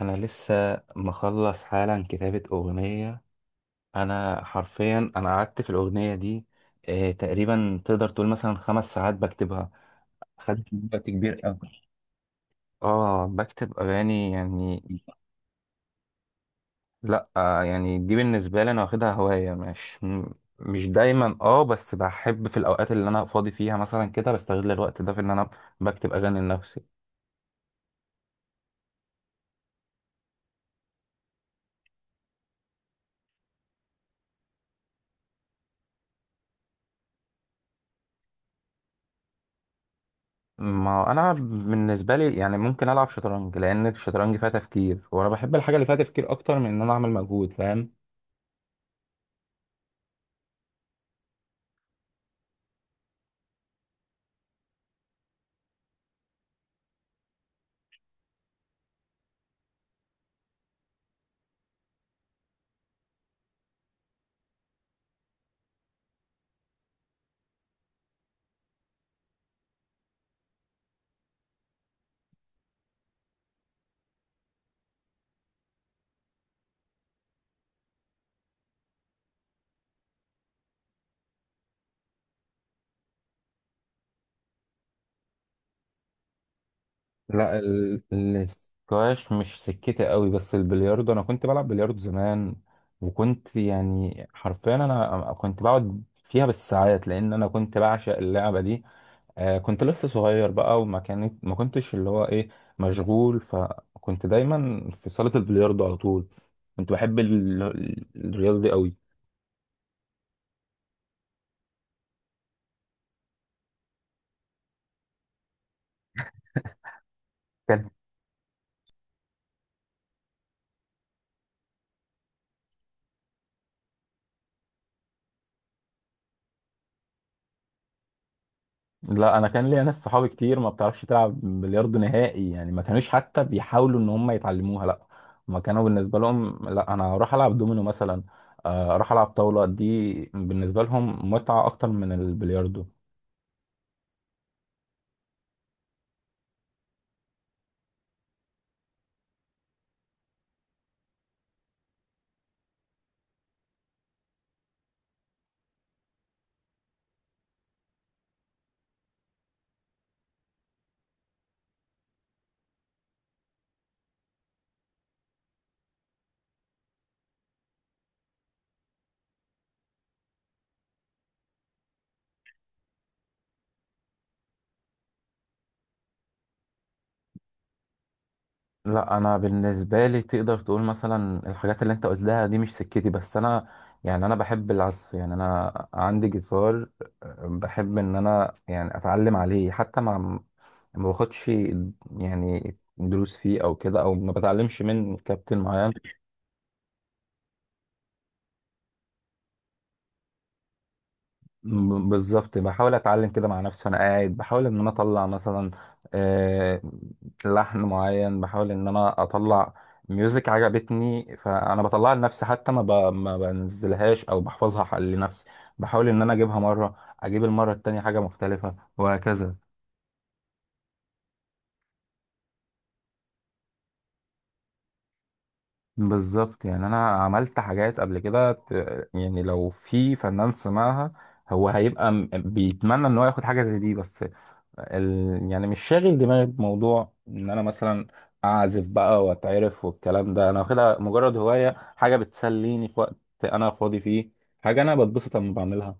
انا لسه مخلص حالا كتابة اغنية. انا حرفيا قعدت في الاغنية دي. تقريبا تقدر تقول مثلا 5 ساعات بكتبها. خدت وقت كبير أوي. اه بكتب اغاني يعني. لا، يعني دي بالنسبة لي انا واخدها هواية، مش مش دايما، بس بحب في الاوقات اللي انا فاضي فيها مثلا كده بستغل الوقت ده في ان انا بكتب اغاني لنفسي. ما هو انا بالنسبه لي يعني ممكن العب شطرنج، لان الشطرنج فيها تفكير، وانا بحب الحاجه اللي فيها تفكير اكتر من ان انا اعمل مجهود، فاهم؟ لا، الاسكواش مش سكتي قوي، بس البلياردو انا كنت بلعب بلياردو زمان. وكنت يعني حرفيا انا كنت بقعد فيها بالساعات، لان انا كنت بعشق اللعبه دي. كنت لسه صغير بقى، وما كانت ما كنتش اللي هو ايه مشغول، فكنت دايما في صاله البلياردو على طول. كنت بحب الرياضه دي قوي. لا، انا كان ليا ناس صحابي كتير ما بتعرفش تلعب بلياردو نهائي، يعني ما كانوش حتى بيحاولوا ان هم يتعلموها، لا. ما كانوا بالنسبه لهم، لا انا اروح العب دومينو مثلا. اروح العب طاوله، دي بالنسبه لهم متعه اكتر من البلياردو. لا، انا بالنسبه لي تقدر تقول مثلا الحاجات اللي انت قلتها دي مش سكتي، بس انا يعني انا بحب العزف، يعني انا عندي جيتار. بحب ان انا يعني اتعلم عليه، حتى مع ما باخدش يعني دروس فيه او كده، او ما بتعلمش من كابتن معين. بالظبط، بحاول اتعلم كده مع نفسي، وانا قاعد بحاول ان انا اطلع مثلا آه، لحن معين. بحاول ان انا اطلع ميوزك عجبتني، فانا بطلعها لنفسي، حتى ما بنزلهاش او بحفظها لنفسي. بحاول ان انا اجيبها مره، اجيب المره التانية حاجه مختلفه، وهكذا. بالظبط، يعني انا عملت حاجات قبل كده، يعني لو في فنان سمعها هو هيبقى بيتمنى ان هو ياخد حاجه زي دي، بس يعني مش شاغل دماغي بموضوع ان انا مثلا اعزف بقى واتعرف والكلام ده. انا واخدها مجرد هوايه، حاجه بتسليني في وقت انا فاضي فيه، حاجه انا بتبسط لما بعملها.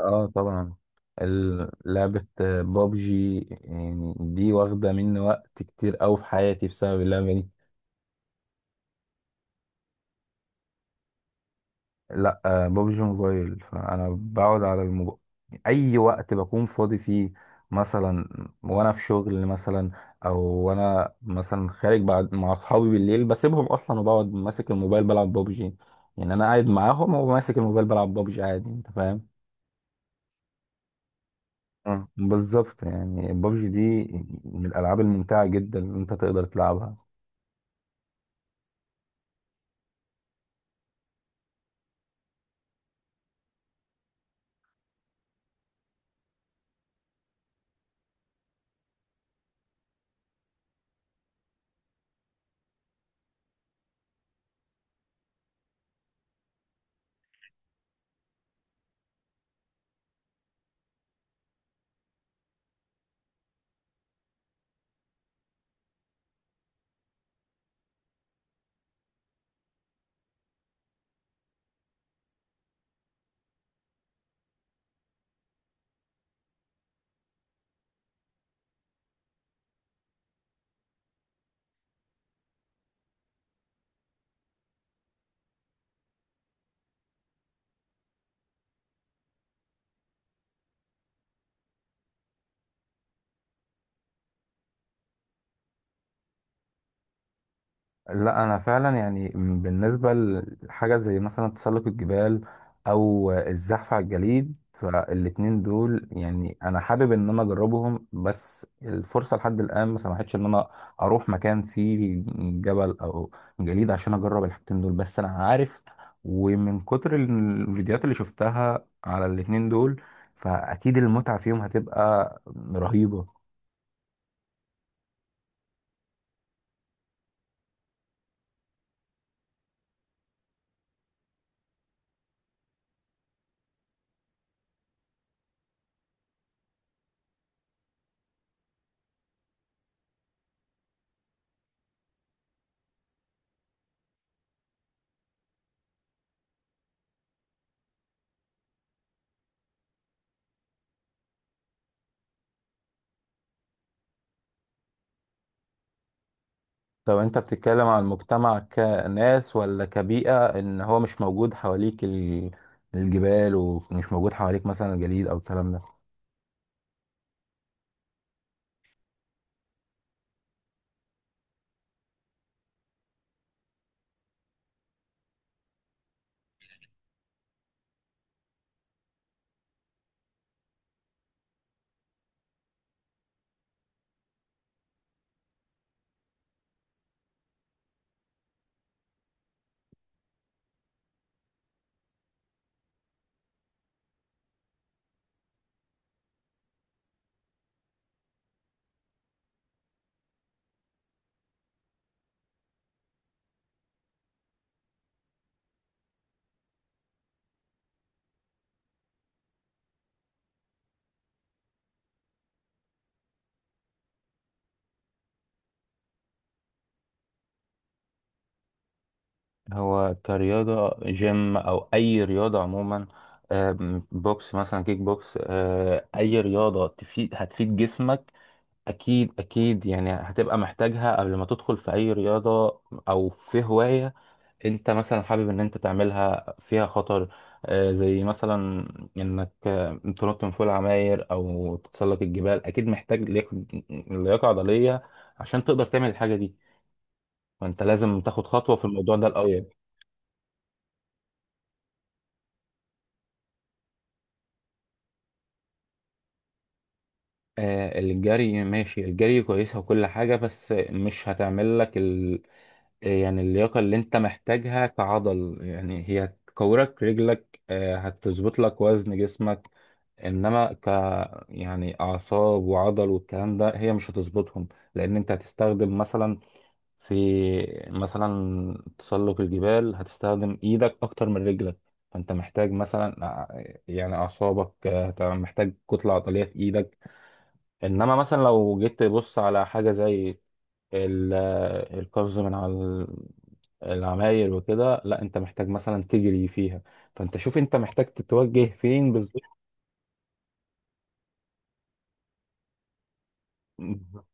اه طبعا، لعبة بابجي، يعني دي واخدة مني وقت كتير أوي في حياتي بسبب اللعبة دي. لا، ببجي موبايل، فانا بقعد على الموبايل اي وقت بكون فاضي فيه، مثلا وانا في شغل، مثلا او وانا مثلا خارج بعد مع اصحابي بالليل بسيبهم اصلا، وبقعد ماسك الموبايل بلعب ببجي. يعني انا قاعد معاهم وماسك الموبايل بلعب ببجي عادي، انت فاهم؟ اه بالظبط، يعني ببجي دي من الالعاب الممتعه جدا اللي انت تقدر تلعبها. لا، انا فعلا يعني بالنسبه لحاجه زي مثلا تسلق الجبال، او الزحف على الجليد، فالاتنين دول يعني انا حابب ان انا اجربهم، بس الفرصه لحد الان ما سمحتش ان انا اروح مكان فيه جبل او جليد عشان اجرب الحاجتين دول، بس انا عارف، ومن كتر الفيديوهات اللي شفتها على الاتنين دول، فاكيد المتعه فيهم هتبقى رهيبه. طب انت بتتكلم عن المجتمع كناس ولا كبيئة، ان هو مش موجود حواليك الجبال، ومش موجود حواليك مثلا الجليد او الكلام ده؟ هو كرياضة جيم أو أي رياضة عموما، بوكس مثلا، كيك بوكس، أي رياضة تفيد هتفيد جسمك. أكيد أكيد، يعني هتبقى محتاجها قبل ما تدخل في أي رياضة أو في هواية. انت مثلا حابب ان انت تعملها فيها خطر، زي مثلا انك تنط من فوق العماير او تتسلق الجبال، اكيد محتاج لياقة عضلية عشان تقدر تعمل الحاجة دي. فانت لازم تاخد خطوة في الموضوع ده الاول. الجري ماشي، الجري كويسة وكل حاجة، بس مش هتعمل لك يعني اللياقة اللي انت محتاجها كعضل، يعني هي هتكورك رجلك، هتظبط لك وزن جسمك. انما يعني اعصاب وعضل والكلام ده هي مش هتظبطهم. لان انت هتستخدم مثلا، في مثلا تسلق الجبال هتستخدم ايدك اكتر من رجلك. فانت محتاج مثلا، يعني اعصابك، محتاج كتلة عضلية في ايدك. انما مثلا لو جيت تبص على حاجة زي ال- القفز من على العماير وكده، لا انت محتاج مثلا تجري فيها. فانت شوف انت محتاج تتوجه فين بالظبط. بالظبط.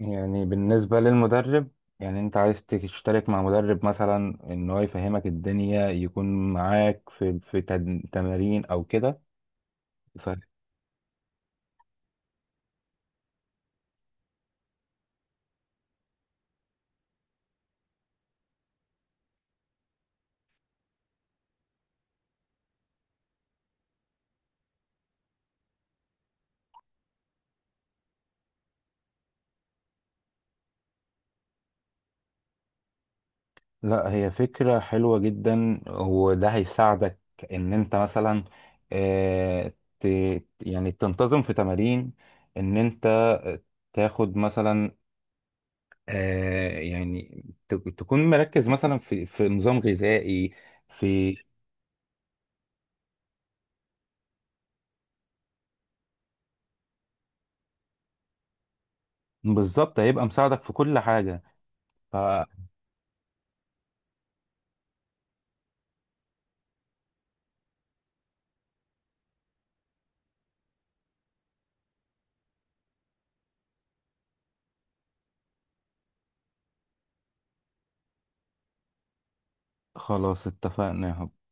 يعني بالنسبة للمدرب، يعني انت عايز تشترك مع مدرب مثلا ان هو يفهمك الدنيا، يكون معاك في تمارين او كده. ف- لا، هي فكرة حلوة جدا وده هيساعدك ان انت مثلا اه ت يعني تنتظم في تمارين، ان انت تاخد مثلا يعني تكون مركز مثلا في نظام غذائي، في بالظبط، هيبقى مساعدك في كل حاجة. فخلاص، اتفقنا يا حب.